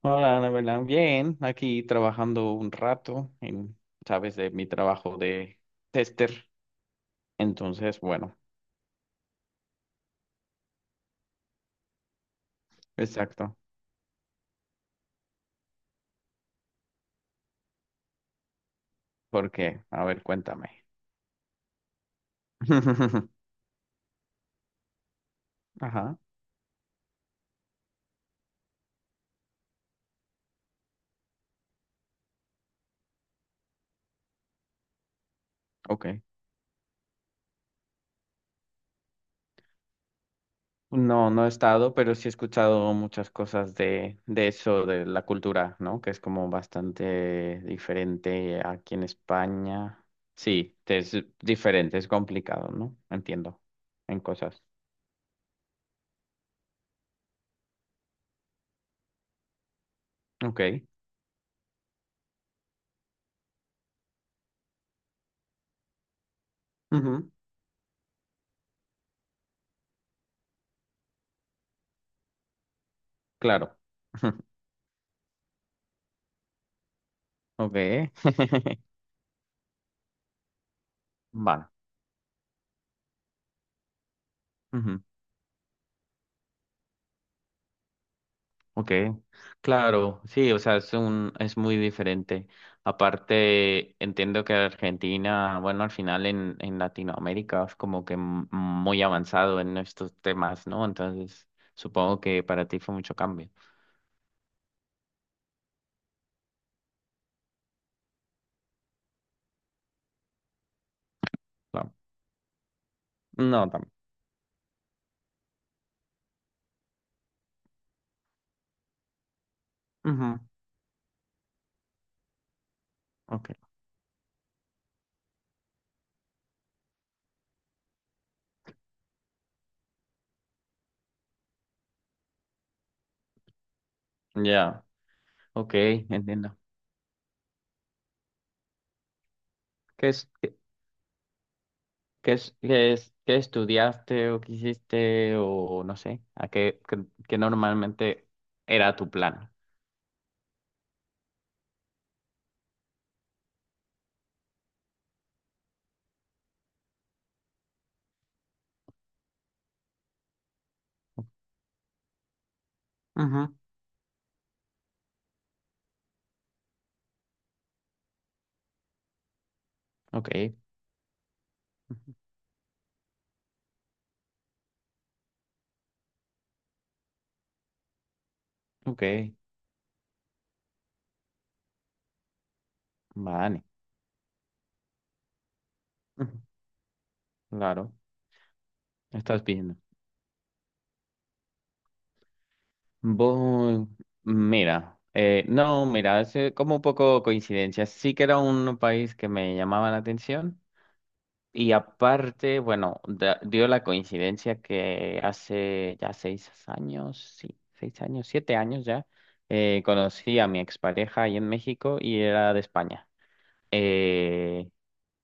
Hola, Ana. Bien, aquí trabajando un rato en, sabes, de mi trabajo de tester. Entonces, bueno, exacto. ¿Por qué? A ver, cuéntame. Ajá, ok. No, no he estado, pero sí he escuchado muchas cosas de eso, de la cultura, ¿no? Que es como bastante diferente aquí en España. Sí, es diferente, es complicado, ¿no? Entiendo en cosas. Ok. Ujú, claro. Okay. Va. Ujú, ok. Claro, sí, o sea, es muy diferente. Aparte, entiendo que Argentina, bueno, al final en Latinoamérica es como que muy avanzado en estos temas, ¿no? Entonces, supongo que para ti fue mucho cambio. Claro. No, también. Ujú, ok. Ya. Ok, entiendo. ¿Qué es? ¿Qué estudiaste o qué hiciste o no sé? ¿A qué normalmente era tu plan? Ujú, ok, ok, vale, ujú, claro, estás viendo. Voy, mira, no, mira, es como un poco coincidencia. Sí que era un país que me llamaba la atención. Y aparte, bueno, dio la coincidencia que hace ya 6 años, sí, 6 años, 7 años ya, conocí a mi expareja ahí en México y era de España. Eh,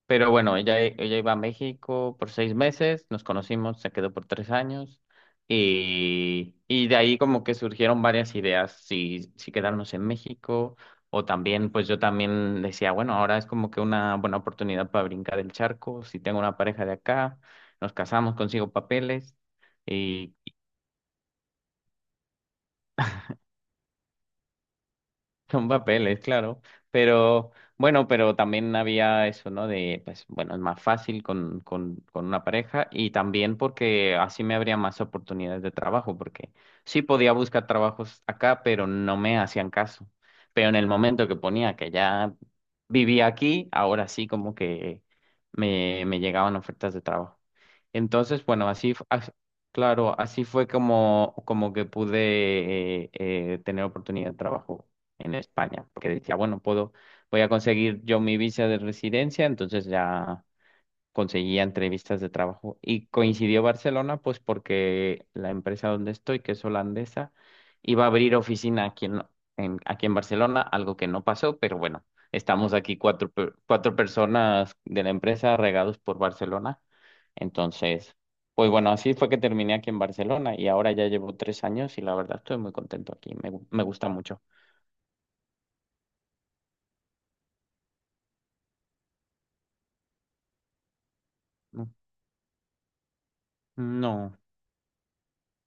pero bueno, ella iba a México por 6 meses, nos conocimos, se quedó por 3 años y de ahí como que surgieron varias ideas, si quedarnos en México o también, pues yo también decía, bueno, ahora es como que una buena oportunidad para brincar el charco, si tengo una pareja de acá, nos casamos, consigo papeles. Son papeles, claro. Pero bueno, pero también había eso, ¿no? De, pues bueno, es más fácil con una pareja y también porque así me habría más oportunidades de trabajo, porque sí podía buscar trabajos acá, pero no me hacían caso. Pero en el momento que ponía que ya vivía aquí, ahora sí como que me llegaban ofertas de trabajo. Entonces, bueno, así, claro, así fue como que pude tener oportunidad de trabajo en España, porque decía, bueno, puedo, voy a conseguir yo mi visa de residencia, entonces ya conseguía entrevistas de trabajo. Y coincidió Barcelona, pues porque la empresa donde estoy, que es holandesa, iba a abrir oficina aquí aquí en Barcelona, algo que no pasó, pero bueno, estamos aquí cuatro personas de la empresa regados por Barcelona. Entonces, pues bueno, así fue que terminé aquí en Barcelona y ahora ya llevo 3 años y la verdad estoy muy contento aquí, me gusta mucho. Mm. No.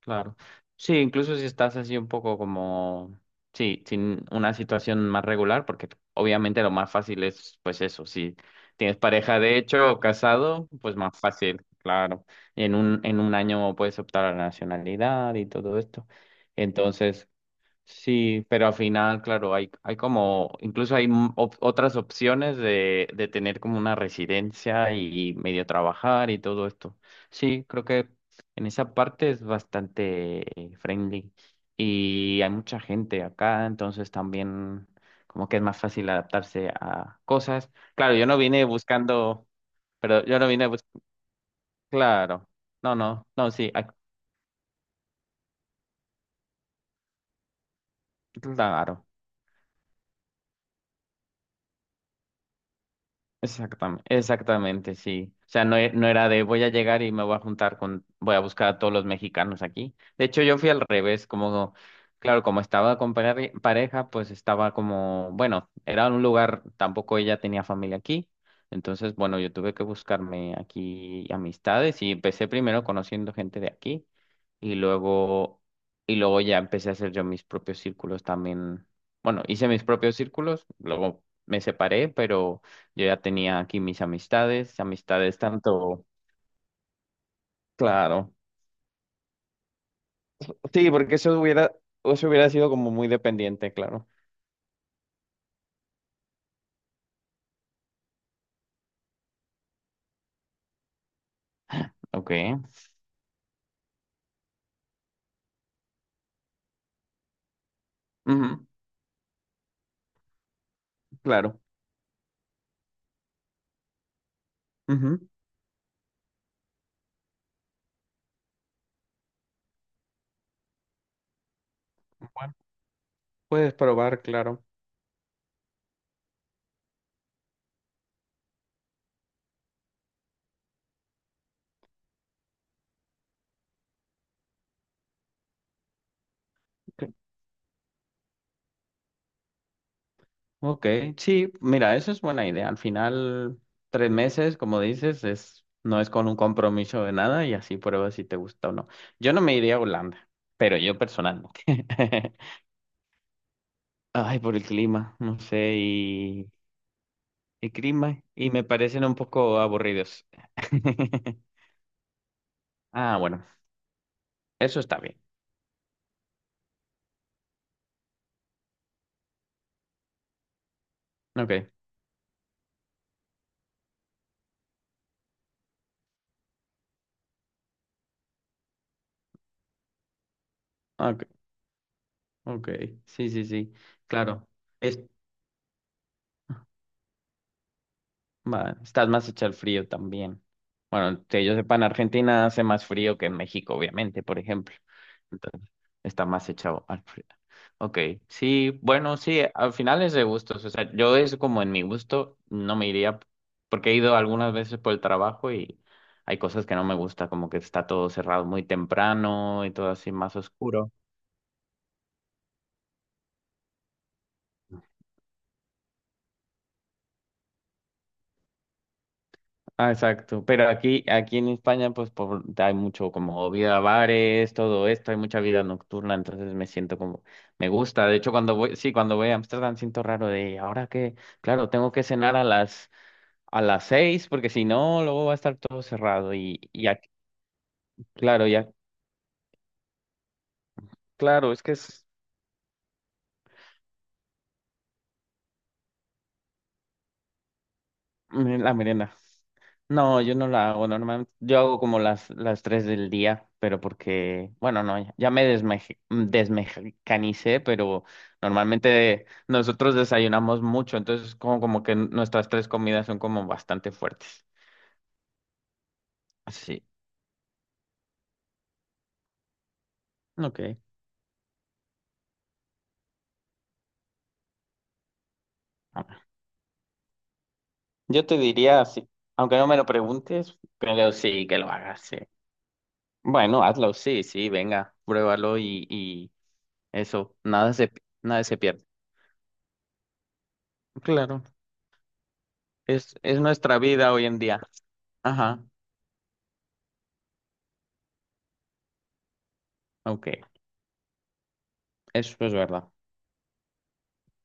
Claro. Sí, incluso si estás así un poco como, sí, sin una situación más regular, porque obviamente lo más fácil es, pues eso, si tienes pareja de hecho o casado, pues más fácil, claro. En un año puedes optar a la nacionalidad y todo esto. Entonces, sí, pero al final, claro, hay como, incluso hay otras opciones de tener como una residencia y medio trabajar y todo esto. Sí, creo que en esa parte es bastante friendly y hay mucha gente acá, entonces también como que es más fácil adaptarse a cosas. Claro, yo no vine buscando, pero yo no vine buscando, claro, no, no, no, sí, claro. Exactamente, exactamente, sí. O sea, no, no era de voy a llegar y me voy a juntar con, voy a buscar a todos los mexicanos aquí. De hecho, yo fui al revés, como, claro, como estaba con pareja, pues estaba como, bueno, era un lugar, tampoco ella tenía familia aquí. Entonces, bueno, yo tuve que buscarme aquí amistades y empecé primero conociendo gente de aquí y luego, y luego ya empecé a hacer yo mis propios círculos también. Bueno, hice mis propios círculos, luego me separé, pero... Yo ya tenía aquí mis amistades, tanto, claro. Sí, porque eso hubiera sido como muy dependiente, claro. Ok. Ujú, claro. Ujú. Bueno, puedes probar, claro. Ok, ok, sí, mira, eso es buena idea. Al final, 3 meses, como dices, es, no es con un compromiso de nada y así pruebas si te gusta o no. Yo no me iría a Holanda, pero yo personalmente. Ay, por el clima, no sé, y clima y me parecen un poco aburridos. Ah, bueno, eso está bien. Ok, ok, ok. Sí, sí, sí, claro. Es, va, estás más hecho al frío también. Bueno, que yo sepa, en Argentina hace más frío que en México, obviamente, por ejemplo. Entonces, está más hecho al frío. Ok, sí, bueno, sí, al final es de gustos, o sea, yo es como en mi gusto, no me iría, porque he ido algunas veces por el trabajo y hay cosas que no me gusta, como que está todo cerrado muy temprano y todo así más oscuro. Ah, exacto, pero aquí en España, pues por, hay mucho como vida bares, todo esto, hay mucha vida nocturna, entonces me siento como, me gusta, de hecho cuando voy, sí, cuando voy a Amsterdam siento raro de, ahora que, claro, tengo que cenar a las 6, porque si no, luego va a estar todo cerrado. Y ya, claro, ya, claro, es que la merienda. No, yo no la hago normalmente. Yo hago como las 3 del día, pero porque, bueno, no, ya, ya me desmexicanicé, pero normalmente nosotros desayunamos mucho, entonces como que nuestras tres comidas son como bastante fuertes. Sí, ok. Yo te diría, sí, aunque no me lo preguntes, pero sí que lo hagas, sí. Bueno, hazlo, sí, sí, venga, pruébalo y eso, nada se pierde. Claro, es nuestra vida hoy en día. Ajá, ok, eso es verdad.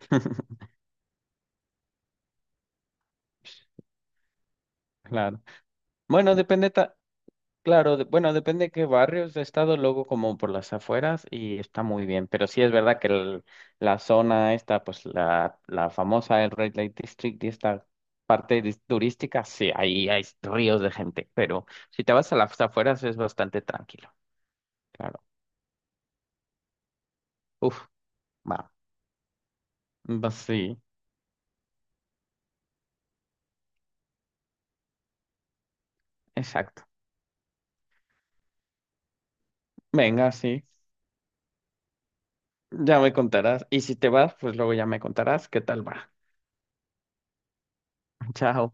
Claro. Bueno, depende, claro, bueno, depende de qué barrios. He estado luego como por las afueras y está muy bien, pero sí es verdad que la zona esta, pues la famosa, el Red Light District y esta parte turística, sí, ahí hay ríos de gente, pero si te vas a las afueras es bastante tranquilo. Claro. Uf, va, va, sí, exacto. Venga, sí, ya me contarás. Y si te vas, pues luego ya me contarás qué tal va. Chao.